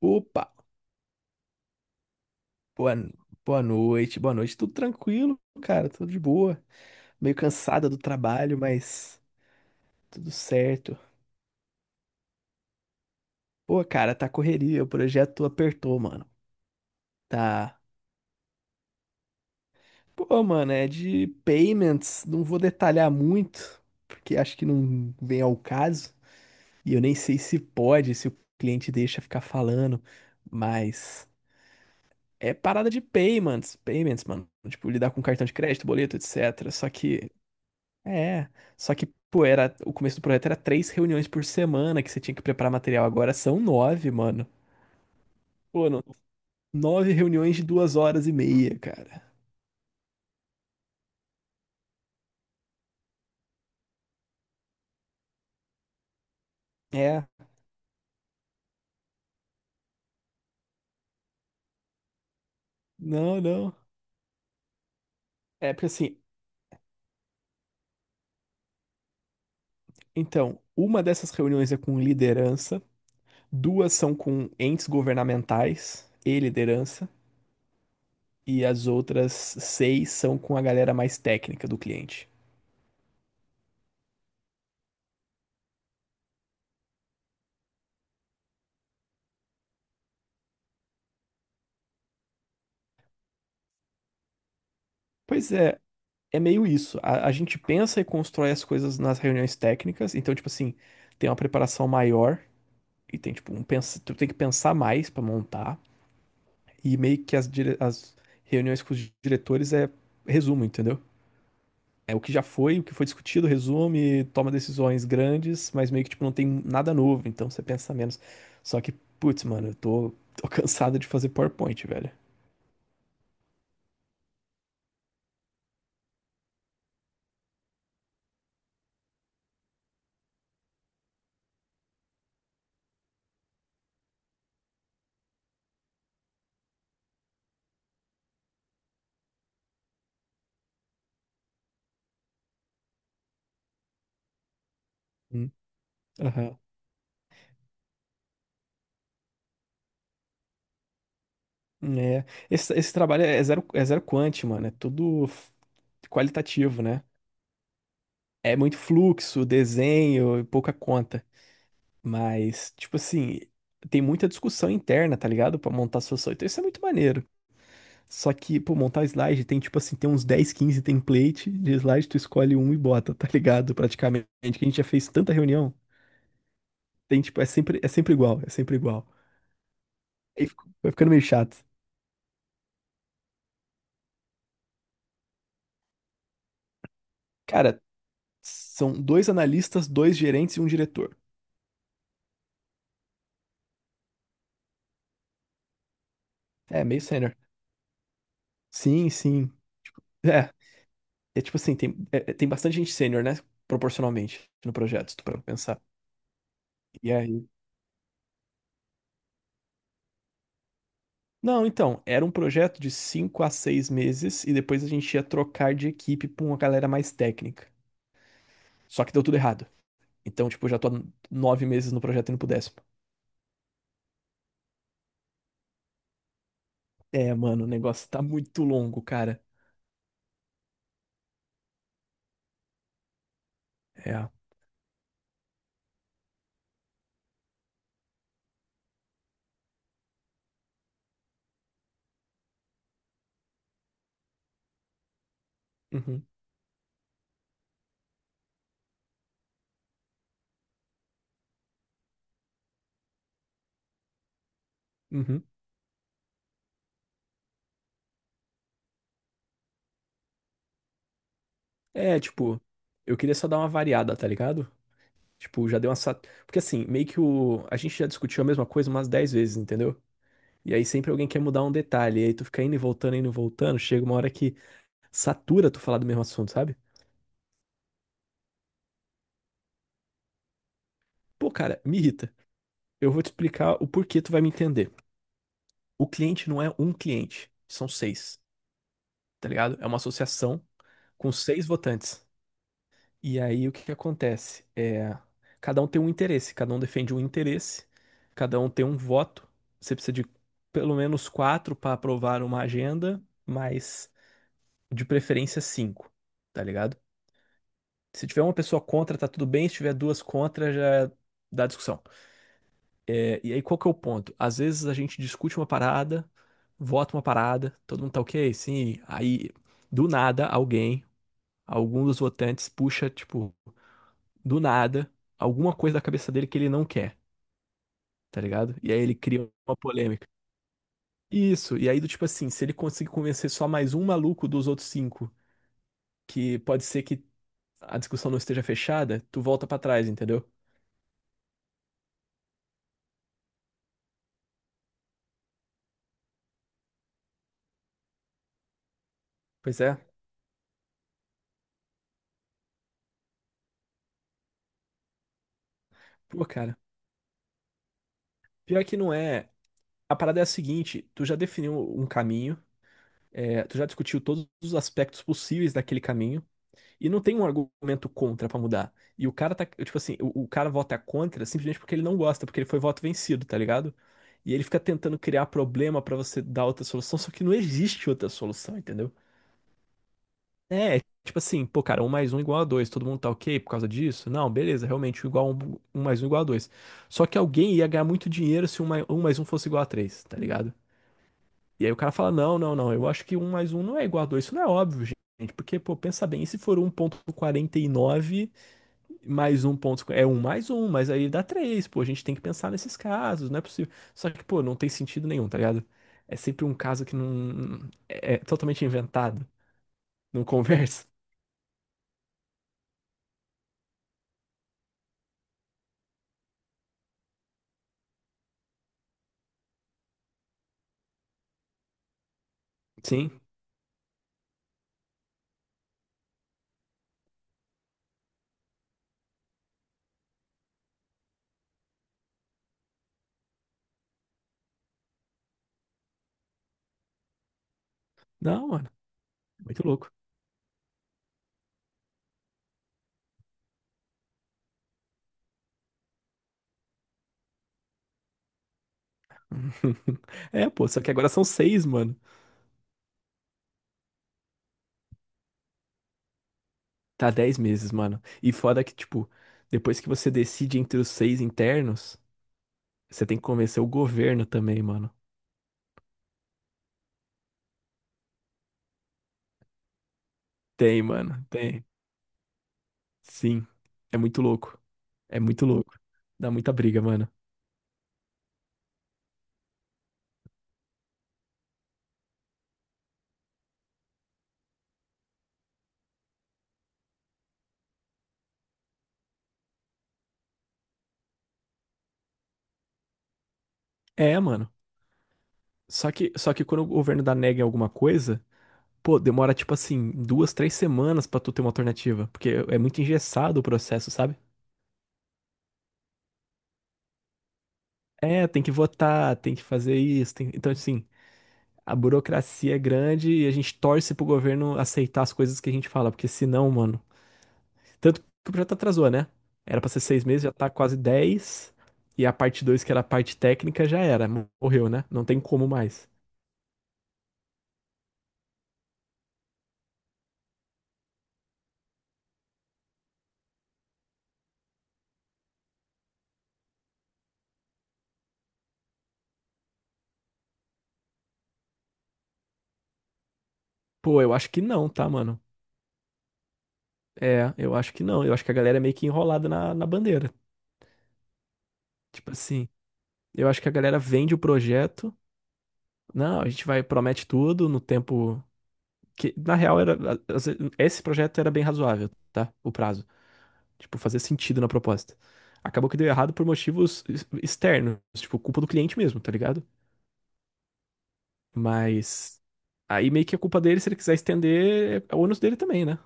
Opa, boa, boa noite. Tudo tranquilo, cara, tudo de boa. Meio cansada do trabalho, mas tudo certo. Pô, cara, tá correria, o projeto apertou, mano. Tá. Pô, mano, é de payments, não vou detalhar muito, porque acho que não vem ao caso. E eu nem sei se pode, se o cliente deixa ficar falando, mas é parada de payments, mano. Tipo, lidar com cartão de crédito, boleto, etc. Só que É, pô, o começo do projeto era três reuniões por semana que você tinha que preparar material. Agora são 9, mano. Pô, nove reuniões de duas horas e meia, cara. É, não, não. É, porque assim, então, uma dessas reuniões é com liderança, duas são com entes governamentais e liderança, e as outras seis são com a galera mais técnica do cliente. Pois é. É meio isso. A gente pensa e constrói as coisas nas reuniões técnicas. Então, tipo assim, tem uma preparação maior e tem, tipo, tu tem que pensar mais pra montar. E meio que as reuniões com os diretores é resumo, entendeu? É o que já foi, o que foi discutido, resume, toma decisões grandes, mas meio que, tipo, não tem nada novo. Então, você pensa menos. Só que, putz, mano, eu tô cansado de fazer PowerPoint, velho. Hum. Aham. É. Esse trabalho é zero quant, mano. É tudo qualitativo, né? É muito fluxo, desenho e pouca conta. Mas, tipo assim, tem muita discussão interna, tá ligado? Pra montar solução. Então isso é muito maneiro. Só que, pô, montar slide tem, tipo assim, tem uns dez, 15 template de slide, tu escolhe um e bota, tá ligado? Praticamente. Que a gente já fez tanta reunião. Tem, tipo, é sempre igual, é sempre igual. Aí vai ficando meio chato. Cara, são dois analistas, dois gerentes e um diretor. É, meio sênior. Sim, sim. É, é tipo assim, tem, tem bastante gente sênior, né? Proporcionalmente no projeto, se tu para pensar. E aí? Não, então, era um projeto de 5 a 6 meses e depois a gente ia trocar de equipe pra uma galera mais técnica. Só que deu tudo errado. Então, tipo, eu já tô há 9 meses no projeto indo pro 10º. É, mano, o negócio tá muito longo, cara. É. Uhum, uhum. É, tipo, eu queria só dar uma variada, tá ligado? Tipo, já deu uma. Porque assim, meio que o. A gente já discutiu a mesma coisa umas 10 vezes, entendeu? E aí sempre alguém quer mudar um detalhe. E aí tu fica indo e voltando, indo e voltando. Chega uma hora que satura tu falar do mesmo assunto, sabe? Pô, cara, me irrita. Eu vou te explicar o porquê tu vai me entender. O cliente não é um cliente, são seis, tá ligado? É uma associação com seis votantes. E aí o que que acontece? É, cada um tem um interesse, cada um defende um interesse, cada um tem um voto. Você precisa de pelo menos quatro para aprovar uma agenda, mas de preferência cinco, tá ligado? Se tiver uma pessoa contra, tá tudo bem. Se tiver duas contra, já dá discussão. É, e aí, qual que é o ponto? Às vezes a gente discute uma parada, vota uma parada, todo mundo tá ok, sim. Aí, do nada, alguém, algum dos votantes, puxa, tipo, do nada, alguma coisa da cabeça dele que ele não quer, tá ligado? E aí ele cria uma polêmica. Isso, e aí do tipo assim, se ele conseguir convencer só mais um maluco dos outros cinco, que pode ser que a discussão não esteja fechada, tu volta pra trás, entendeu? Pois é. Pô, cara. Pior que não é. A parada é a seguinte, tu já definiu um caminho, é, tu já discutiu todos os aspectos possíveis daquele caminho, e não tem um argumento contra pra mudar. E o cara tá, tipo assim, o cara vota contra simplesmente porque ele não gosta, porque ele foi voto vencido, tá ligado? E ele fica tentando criar problema pra você dar outra solução, só que não existe outra solução, entendeu? É, tipo assim, pô, cara, um mais um igual a dois, todo mundo tá ok por causa disso? Não, beleza, realmente, um igual a um, um mais um igual a dois. Só que alguém ia ganhar muito dinheiro se um mais um, mais um fosse igual a três, tá ligado? E aí o cara fala, não, não, não, eu acho que um mais um não é igual a dois. Isso não é óbvio, gente. Porque, pô, pensa bem, e se for 1,49 mais um ponto, é um mais um, mas aí dá três. Pô, a gente tem que pensar nesses casos, não é possível. Só que, pô, não tem sentido nenhum, tá ligado? É sempre um caso que não, é totalmente inventado, não conversa. Sim, não, mano, muito louco. É, pô, só que agora são seis, mano. Tá 10 meses, mano. E foda que, tipo, depois que você decide entre os 6 internos, você tem que convencer o governo também, mano. Tem, mano, tem. Sim. É muito louco. É muito louco. Dá muita briga, mano. É, mano. Só que quando o governo dá nega em alguma coisa, pô, demora tipo assim, 2, 3 semanas pra tu ter uma alternativa. Porque é muito engessado o processo, sabe? É, tem que votar, tem que fazer isso. Então, assim, a burocracia é grande e a gente torce pro governo aceitar as coisas que a gente fala, porque senão, mano. Tanto que o projeto atrasou, né? Era pra ser 6 meses, já tá quase 10. E a parte dois, que era a parte técnica, já era. Morreu, né? Não tem como mais. Pô, eu acho que não, tá, mano? É, eu acho que não. Eu acho que a galera é meio que enrolada na bandeira. Tipo assim, eu acho que a galera vende o projeto. Não, a gente vai, promete tudo no tempo. Que, na real, esse projeto era bem razoável, tá? O prazo. Tipo, fazer sentido na proposta. Acabou que deu errado por motivos externos, tipo, culpa do cliente mesmo, tá ligado? Mas aí meio que é culpa dele, se ele quiser estender, é o ônus dele também, né?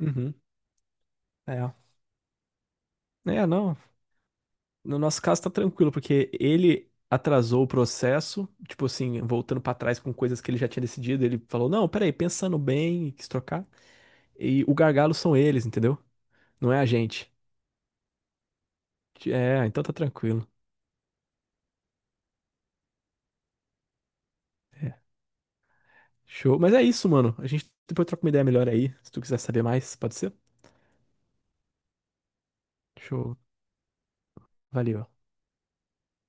Uhum. É. É, não. No nosso caso tá tranquilo, porque ele atrasou o processo, tipo assim, voltando pra trás com coisas que ele já tinha decidido, ele falou: "Não, peraí, pensando bem, e quis trocar". E o gargalo são eles, entendeu? Não é a gente. É, então tá tranquilo. É. Show. Mas é isso, mano. A gente depois troca uma ideia melhor aí. Se tu quiser saber mais, pode ser? Show. Valeu.